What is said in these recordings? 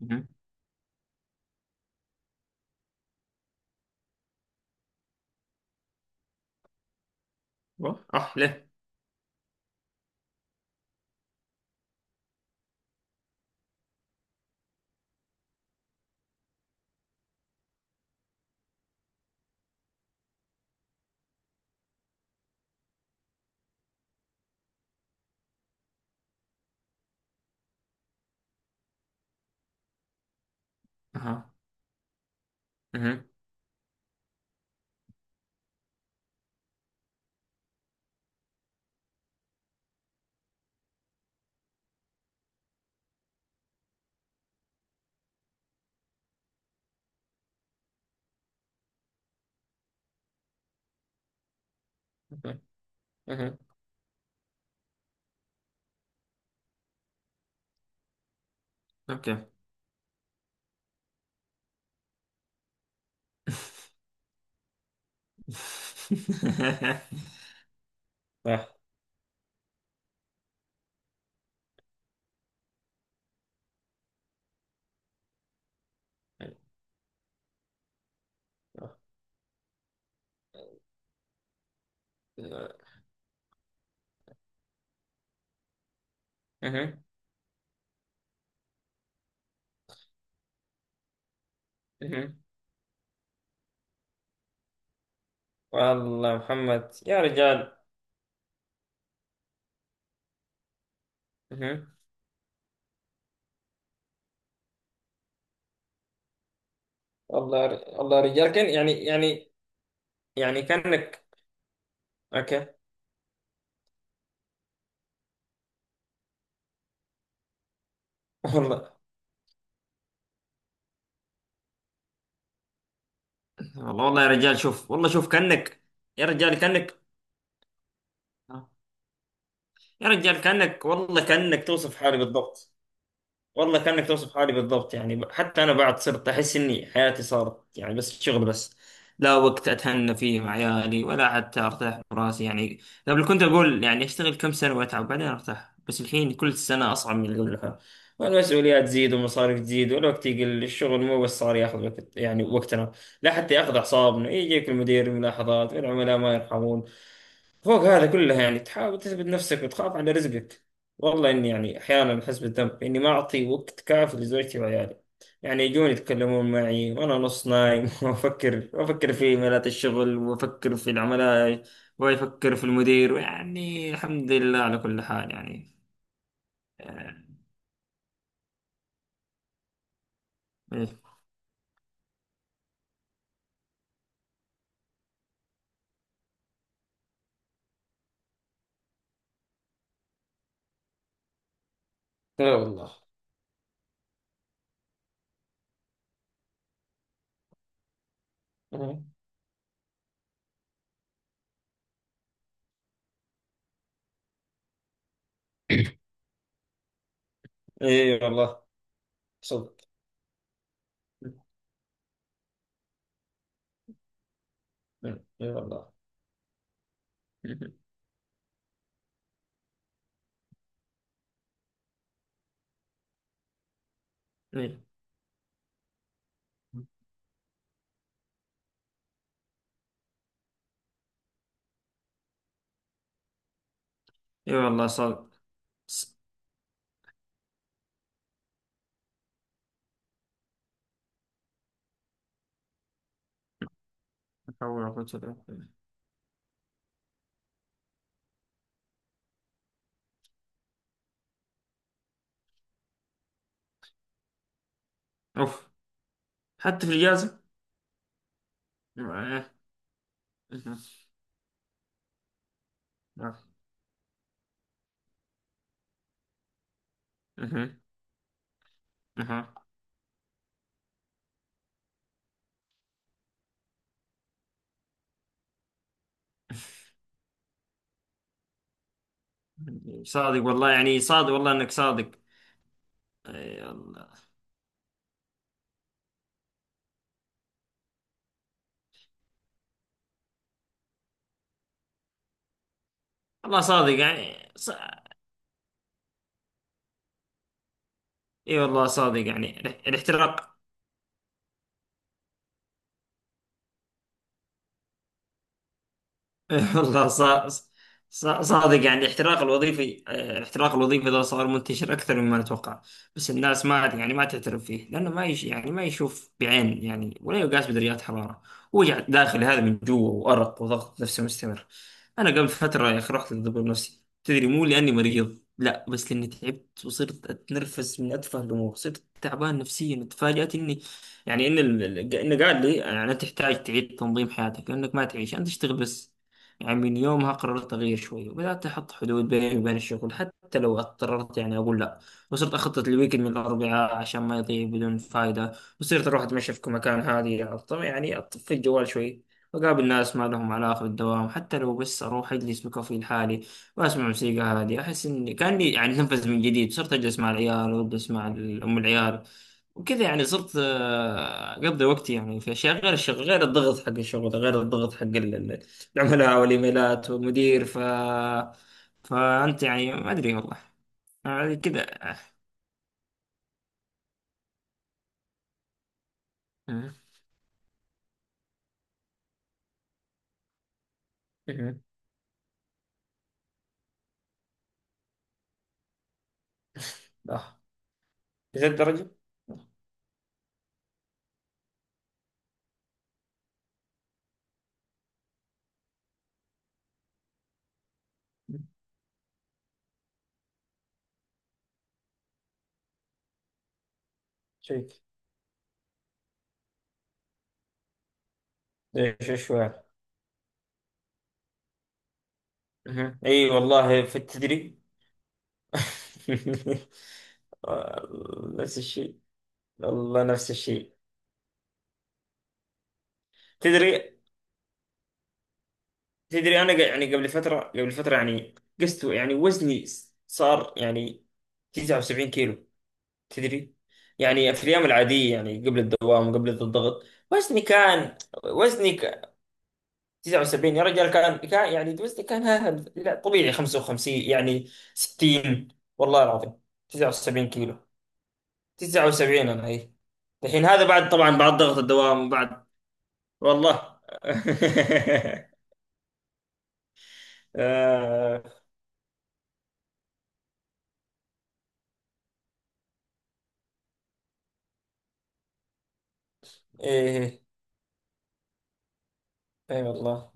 Mhm. What? Ach, le. Aha. Mhm. Okay. Mhm. Okay. صح صح. مهم. مهم. والله محمد يا رجال. مهم. والله والله يا رجال، كان يعني كأنك. اوكي. والله والله والله يا رجال، شوف والله، شوف كأنك، يا رجال كأنك، يا رجال كأنك، والله كأنك توصف حالي بالضبط. والله كأنك توصف حالي بالضبط يعني حتى أنا بعد صرت أحس إني حياتي صارت يعني بس شغل بس. لا وقت أتهنى فيه مع عيالي ولا حتى أرتاح براسي يعني. قبل كنت أقول يعني أشتغل كم سنة وأتعب بعدين أرتاح، بس الحين كل سنة أصعب من اللي قبلها، والمسؤوليات تزيد، والمصاريف تزيد، والوقت يقل. الشغل مو بس صار ياخذ وقت يعني وقتنا، لا حتى ياخذ أعصابنا. يجيك المدير ملاحظات والعملاء ما يرحمون. فوق هذا كله يعني تحاول تثبت نفسك وتخاف على رزقك. والله إني يعني أحيانا أحس بالذنب إني ما أعطي وقت كافي لزوجتي وعيالي. يعني يجون يتكلمون معي وأنا نص نايم وأفكر في إيميلات الشغل، وأفكر في العملاء، وأفكر في المدير، ويعني الحمد لله على كل حال يعني. آه، إيه. لا والله. آه، إيه والله صدق. إيه إيه والله. إيه إيه والله صدق. لا حول ولا قوة إلا بالله. أوف. حتى في الإجازة. أه، أه، أه، أه. صادق والله يعني، صادق والله انك صادق. اي والله. والله صادق يعني اي والله صادق يعني الاحتراق. والله صادق يعني الاحتراق الوظيفي، الاحتراق الوظيفي ده صار منتشر اكثر مما نتوقع. بس الناس ما يعني ما تعترف فيه، لانه ما يش يعني ما يشوف بعين يعني، ولا يقاس بدرجات حراره. وجع داخل، هذا من جوا، وارق وضغط نفسي مستمر. انا قبل فتره يا اخي رحت للدكتور نفسي، تدري، مو لاني مريض، لا، بس لاني تعبت وصرت اتنرفز من اتفه الامور، صرت تعبان نفسيا. تفاجأت اني يعني انه قال لي يعني انت تحتاج تعيد تنظيم حياتك لانك ما تعيش، انت تشتغل بس. يعني من يومها قررت أغير شوي، وبدأت أحط حدود بيني وبين الشغل، حتى لو اضطررت يعني أقول لا. وصرت أخطط الويكند من الأربعاء عشان ما يضيع بدون فايدة. وصرت أروح أتمشى في مكان هادي، يعني أطفي الجوال شوي. وأقابل ناس ما لهم علاقة بالدوام، حتى لو بس أروح أجلس بكوفي لحالي، وأسمع موسيقى هادية. أحس إني كأني يعني أتنفس من جديد. صرت أجلس مع العيال، وأجلس مع أم العيال وكذا. يعني صرت أقضي وقتي يعني في أشياء غير الشغل، غير الضغط حق الشغل، غير الضغط حق العملاء والايميلات ومدير. فانت يعني ما ادري والله، يعني كذا. مهم. مهم. اه، لذا الدرجة. شيك. ايش ايش يعني. مهم. اي والله، في، تدري. نفس الشيء. والله نفس الشيء. تدري تدري انا يعني قبل فترة، قبل فترة، يعني قست يعني وزني، صار يعني 79 كيلو. تدري يعني في الأيام العادية يعني، قبل الدوام، قبل الضغط، وزني كان، وزني ك- 79. يا رجال، كان يعني وزني كان، لا طبيعي 55 يعني 60. والله العظيم 79 كيلو، 79 أنا، أي. الحين هذا بعد، طبعا بعد ضغط الدوام بعد. والله. آه، إيه. إي والله.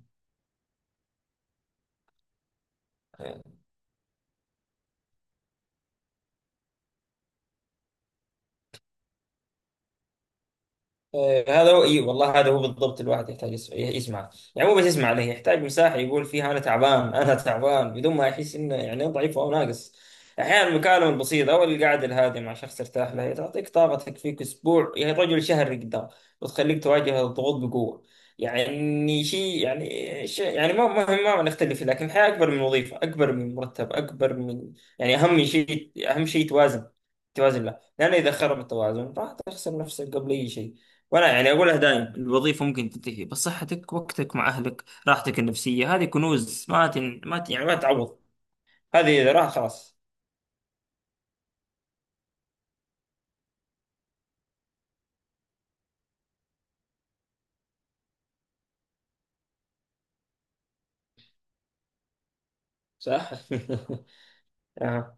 هذا رأيي والله، هذا هو بالضبط. الواحد يحتاج يسمع، يعني مو بس يسمع عليه، يحتاج مساحة يقول فيها أنا تعبان، أنا تعبان بدون ما يحس إنه يعني ضعيف أو ناقص. أحيانا المكالمة البسيطة أو القعدة الهادئة مع شخص ترتاح له هي تعطيك طاقة تكفيك أسبوع، يعني رجل شهر قدام، وتخليك تواجه الضغوط بقوة. يعني شيء، يعني شيء يعني ما نختلف فيه، لكن الحياة أكبر من وظيفة، أكبر من مرتب، أكبر من، يعني أهم شيء، أهم شيء توازن، توازن له، لأن إذا خرب التوازن راح تخسر نفسك قبل أي شيء. وانا يعني اقولها دائم، الوظيفه ممكن تنتهي، بس صحتك، وقتك مع اهلك، راحتك النفسيه، هذه كنوز ما تن... ما ت... يعني ما تعوض. هذه اذا راحت خلاص. صح. آه.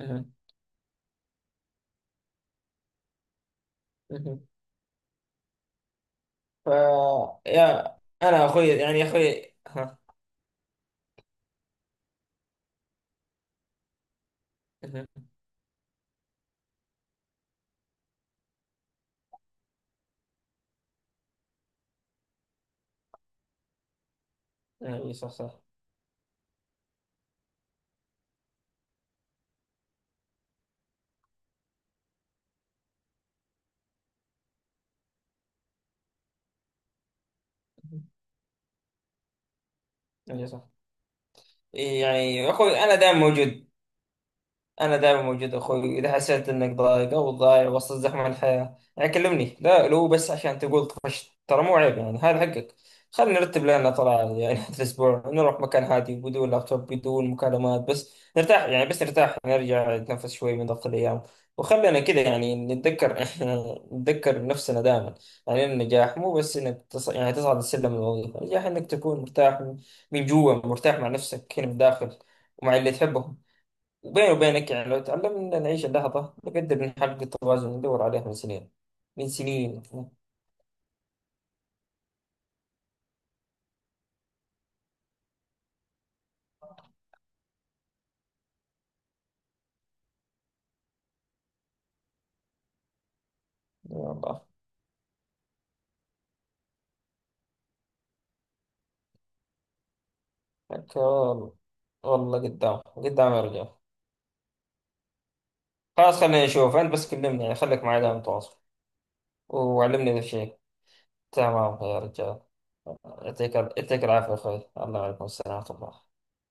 آه. ف يا انا اخوي يعني، يا اخوي، ها. اي صح صح. اي صح. يعني اخوي انا دائما موجود، أنا دائما موجود أخوي، إذا حسيت إنك ضايق أو ضايع وسط زحمة الحياة يعني كلمني، لا لو بس عشان تقول طفشت، ترى مو عيب يعني، هذا حقك. خلينا نرتب لنا طلعة يعني هذا الأسبوع، نروح مكان هادي بدون لابتوب، بدون مكالمات، بس نرتاح يعني، بس نرتاح نرجع، نتنفس شوي من ضغط الأيام، وخلينا كذا يعني نتذكر. نتذكر نفسنا دائما. يعني النجاح مو بس إنك يعني تصعد السلم الوظيفي، النجاح إنك تكون مرتاح، من جوا، مرتاح مع نفسك هنا من الداخل، ومع اللي تحبهم. وبيني وبينك يعني لو تعلمنا نعيش اللحظة نقدر نحقق التوازن اللي ندور عليه من سنين، من سنين. يلا. حتى والله. والله قدام قدام يرجع. خلاص خلينا نشوف، أنت بس كلمني يعني، خليك معي دائما متواصل، وعلمني إذا في شيء. تمام يا رجال. يعطيك العافية يا أخوي، الله يعلمكم السلام ورحمة الله.